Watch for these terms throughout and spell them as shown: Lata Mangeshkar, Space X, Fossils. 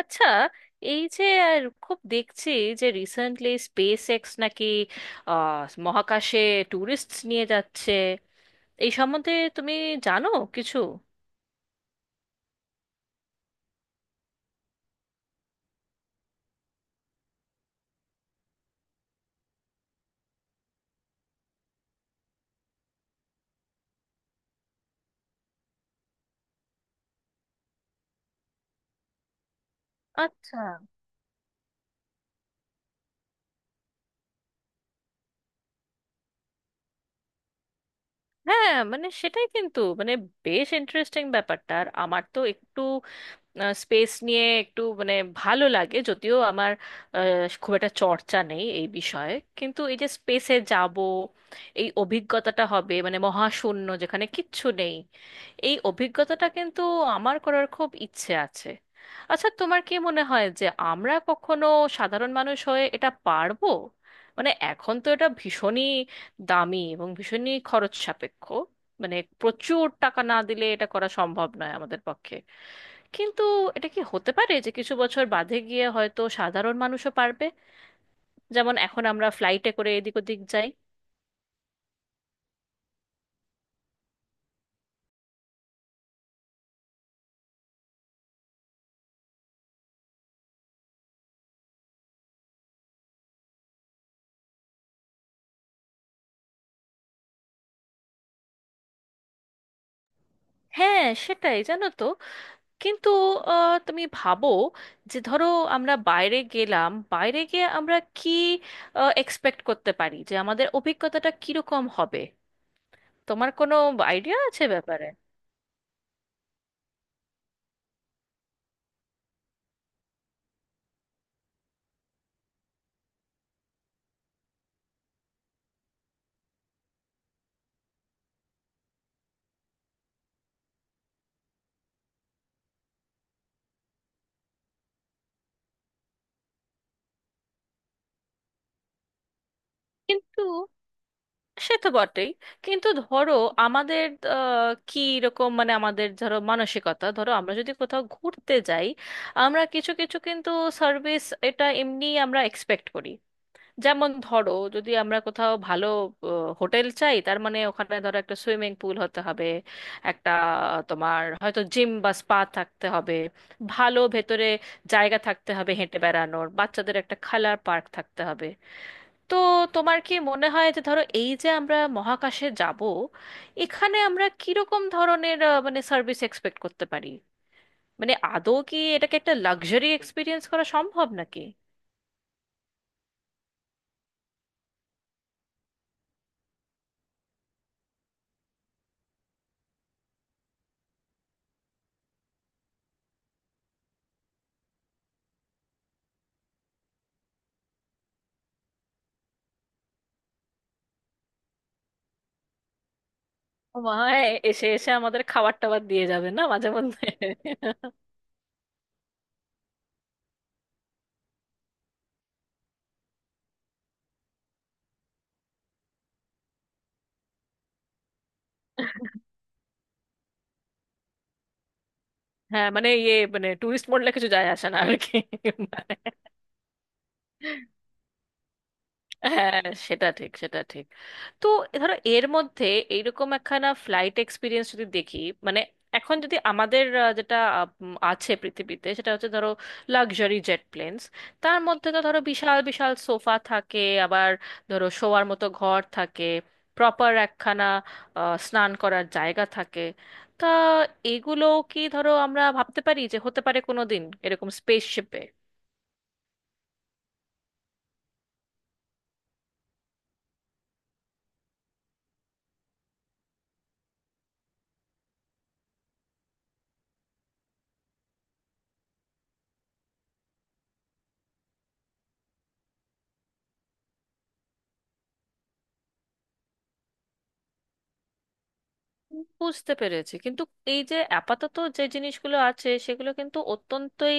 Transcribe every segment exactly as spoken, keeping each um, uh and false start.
আচ্ছা। এই যে আর খুব দেখছি যে রিসেন্টলি স্পেস এক্স নাকি আহ, মহাকাশে ট্যুরিস্ট নিয়ে যাচ্ছে, এই সম্বন্ধে তুমি জানো কিছু? আচ্ছা, হ্যাঁ মানে সেটাই, কিন্তু মানে বেশ ইন্টারেস্টিং ব্যাপারটা। আর আমার তো একটু স্পেস নিয়ে একটু মানে ভালো লাগে, যদিও আমার আহ, খুব একটা চর্চা নেই এই বিষয়ে। কিন্তু এই যে স্পেসে যাব, এই অভিজ্ঞতাটা হবে মানে মহাশূন্য যেখানে কিচ্ছু নেই, এই অভিজ্ঞতাটা কিন্তু আমার করার খুব ইচ্ছে আছে। আচ্ছা, তোমার কি মনে হয় যে আমরা কখনো সাধারণ মানুষ হয়ে এটা পারবো? মানে এখন তো এটা ভীষণই দামি এবং ভীষণই খরচ সাপেক্ষ, মানে প্রচুর টাকা না দিলে এটা করা সম্ভব নয় আমাদের পক্ষে। কিন্তু এটা কি হতে পারে যে কিছু বছর বাদে গিয়ে হয়তো সাধারণ মানুষও পারবে, যেমন এখন আমরা ফ্লাইটে করে এদিক ওদিক যাই? হ্যাঁ সেটাই, জানো তো, কিন্তু আহ, তুমি ভাবো যে ধরো আমরা বাইরে গেলাম, বাইরে গিয়ে আমরা কি এক্সপেক্ট করতে পারি যে আমাদের অভিজ্ঞতাটা কিরকম হবে? তোমার কোনো আইডিয়া আছে ব্যাপারে? কিন্তু সে তো বটেই, কিন্তু ধরো আমাদের আহ, কি রকম, মানে আমাদের ধরো মানসিকতা, ধরো আমরা যদি কোথাও ঘুরতে যাই, আমরা কিছু কিছু কিন্তু সার্ভিস এটা এমনি আমরা এক্সপেক্ট করি। যেমন ধরো যদি আমরা কোথাও ভালো হোটেল চাই, তার মানে ওখানে ধরো একটা সুইমিং পুল হতে হবে, একটা, তোমার হয়তো জিম বা স্পা থাকতে হবে, ভালো ভেতরে জায়গা থাকতে হবে হেঁটে বেড়ানোর, বাচ্চাদের একটা খেলার পার্ক থাকতে হবে। তো তোমার কি মনে হয় যে ধরো এই যে আমরা মহাকাশে যাব, এখানে আমরা কিরকম ধরনের আহ, মানে সার্ভিস এক্সপেক্ট করতে পারি? মানে আদৌ কি এটাকে একটা লাক্সারি এক্সপিরিয়েন্স করা সম্ভব নাকি? ও মা হয়, এসে এসে আমাদের খাবার টাবার দিয়ে যাবে না মাঝে মধ্যে? হ্যাঁ মানে ইয়ে মানে টুরিস্ট মোডলে কিছু যায় আসে না আর কি। হ্যাঁ, সেটা ঠিক, সেটা ঠিক। তো ধরো এর মধ্যে এইরকম একখানা ফ্লাইট এক্সপিরিয়েন্স যদি দেখি, মানে এখন যদি আমাদের আহ, যেটা আহ, উম, আছে পৃথিবীতে, সেটা হচ্ছে ধরো লাক্সারি জেট প্লেনস, তার মধ্যে তো ধরো বিশাল বিশাল সোফা থাকে, আবার ধরো শোয়ার মতো ঘর থাকে, প্রপার একখানা আহ, স্নান করার জায়গা থাকে। তা এগুলো কি ধরো আমরা ভাবতে পারি যে হতে পারে কোনো দিন এরকম স্পেসশিপে? বুঝতে পেরেছি, কিন্তু এই যে আপাতত যে জিনিসগুলো আছে সেগুলো কিন্তু অত্যন্তই,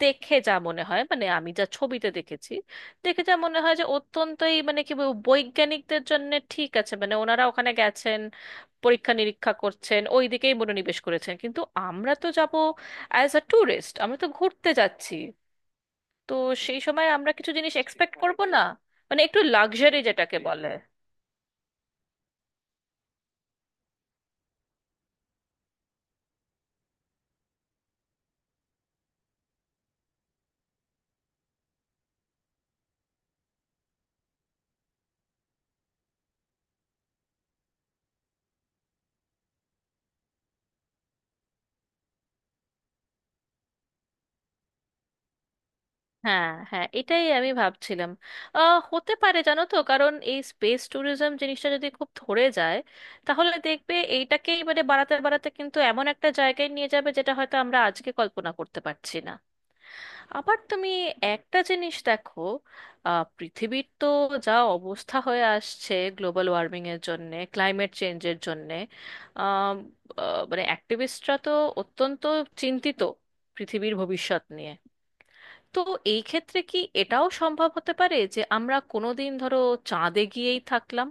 দেখে যা মনে হয় মানে আমি যা ছবিতে দেখেছি, দেখে যা মনে হয় যে অত্যন্তই মানে কি বলবো, বৈজ্ঞানিকদের জন্য ঠিক আছে, মানে ওনারা ওখানে গেছেন পরীক্ষা নিরীক্ষা করছেন, ওই দিকেই মনোনিবেশ করেছেন, কিন্তু আমরা তো যাব অ্যাজ আ ট্যুরিস্ট, আমরা তো ঘুরতে যাচ্ছি। তো সেই সময় আমরা কিছু জিনিস এক্সপেক্ট করব না? মানে একটু লাক্সারি যেটাকে বলে। হ্যাঁ হ্যাঁ, এটাই আমি ভাবছিলাম। আহ হতে পারে, জানো তো, কারণ এই স্পেস ট্যুরিজম জিনিসটা যদি খুব ধরে যায়, তাহলে দেখবে এইটাকেই মানে বাড়াতে বাড়াতে কিন্তু এমন একটা জায়গায় নিয়ে যাবে যেটা হয়তো আমরা আজকে কল্পনা করতে পারছি না। আবার তুমি একটা জিনিস দেখো, আহ পৃথিবীর তো যা অবস্থা হয়ে আসছে গ্লোবাল ওয়ার্মিং এর জন্যে, ক্লাইমেট চেঞ্জের জন্যে, আম, আহ, মানে অ্যাক্টিভিস্টরা তো অত্যন্ত চিন্তিত পৃথিবীর ভবিষ্যৎ নিয়ে। তো এই ক্ষেত্রে কি এটাও সম্ভব হতে পারে যে আমরা কোনোদিন ধরো চাঁদে গিয়েই থাকলাম?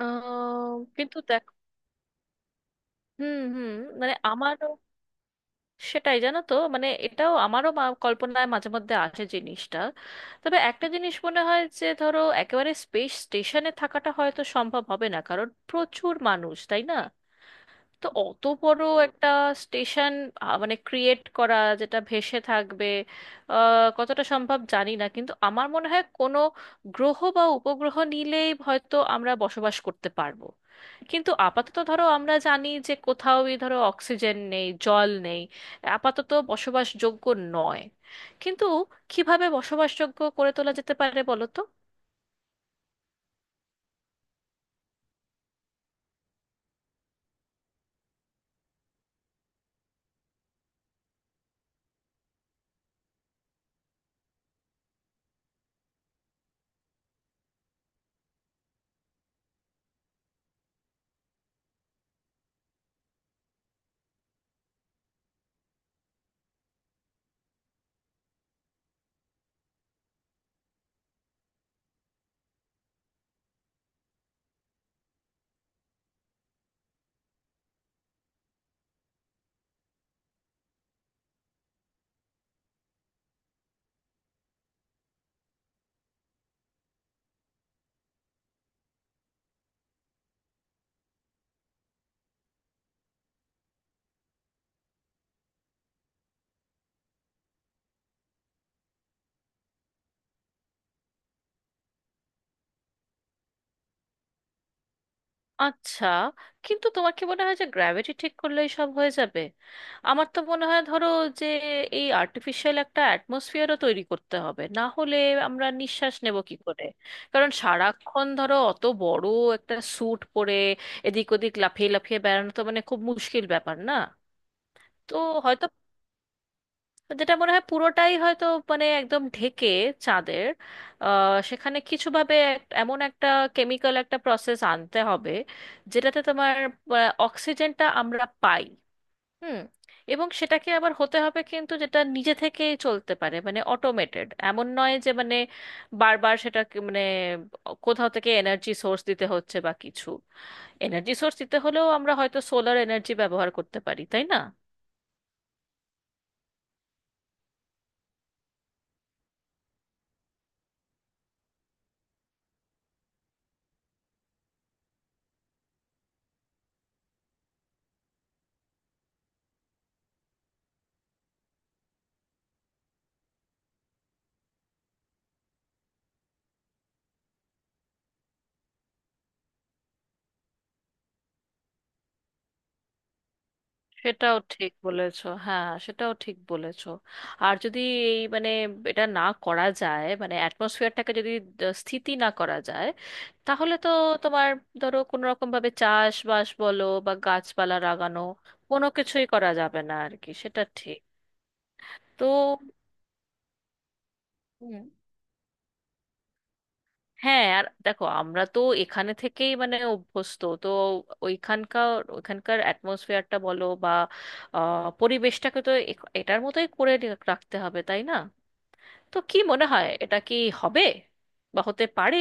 আহ, কিন্তু দেখ, হুম হুম, মানে আমারও সেটাই, জানো তো, মানে এটাও আমারও মা- কল্পনায় মাঝে মধ্যে আসে জিনিসটা। তবে একটা জিনিস মনে হয় যে ধরো একেবারে স্পেস স্টেশনে থাকাটা হয়তো সম্ভব হবে না, কারণ প্রচুর মানুষ, তাই না? তো অত বড় একটা স্টেশন মানে ক্রিয়েট করা যেটা ভেসে থাকবে, আহ, কতটা সম্ভব জানি না। কিন্তু আমার মনে হয় কোনো গ্রহ বা উপগ্রহ নিলেই হয়তো আমরা বসবাস করতে পারবো। কিন্তু আপাতত ধরো আমরা জানি যে কোথাওই ধরো অক্সিজেন নেই, জল নেই, আপাতত বসবাসযোগ্য নয়। কিন্তু কিভাবে বসবাসযোগ্য করে তোলা যেতে পারে বলো তো? আচ্ছা, কিন্তু তোমার কি মনে হয় যে গ্র্যাভিটি ঠিক করলেই সব হয়ে যাবে? আমার তো মনে হয় ধরো যে এই আর্টিফিশিয়াল একটা অ্যাটমসফিয়ারও তৈরি করতে হবে, না হলে আমরা নিঃশ্বাস নেব কি করে? কারণ সারাক্ষণ ধরো অত বড় একটা স্যুট পরে এদিক ওদিক লাফিয়ে লাফিয়ে বেড়ানো তো মানে খুব মুশকিল ব্যাপার, না? তো যেটা মনে হয় পুরোটাই হয়তো মানে একদম ঢেকে চাঁদের আহ, সেখানে কিছু ভাবে এক- এমন একটা কেমিক্যাল একটা প্রসেস আনতে হবে যেটাতে তোমার আহ, অক্সিজেনটা আমরা পাই। হুম। এবং সেটাকে আবার হতে হবে কিন্তু যেটা নিজে থেকেই চলতে পারে মানে অটোমেটেড, এমন নয় যে মানে বারবার সেটা মানে কোথাও থেকে এনার্জি সোর্স দিতে হচ্ছে বা কিছু। এনার্জি সোর্স দিতে হলেও আমরা হয়তো সোলার এনার্জি ব্যবহার করতে পারি, তাই না? সেটাও ঠিক বলেছো, হ্যাঁ সেটাও ঠিক বলেছো। আর যদি এই মানে এটা না করা যায়, মানে অ্যাটমসফিয়ারটাকে যদি দ- স্থিতি না করা যায়, তাহলে তো তোমার ধরো কোনো রকম ভাবে চাষবাস বলো বা গাছপালা লাগানো কোনো কিছুই করা যাবে না আর কি, সেটা ঠিক। তো হুম, হ্যাঁ, আর দেখো আমরা তো এখানে থেকেই মানে অভ্যস্ত তো, ওইখানকার, ওইখানকার অ্যাটমসফিয়ারটা বলো বা আহ, পরিবেশটাকে তো এ- এটার মতোই করে রাখতে হবে, তাই না? তো কি মনে হয়, এটা কি হবে বা হতে পারে?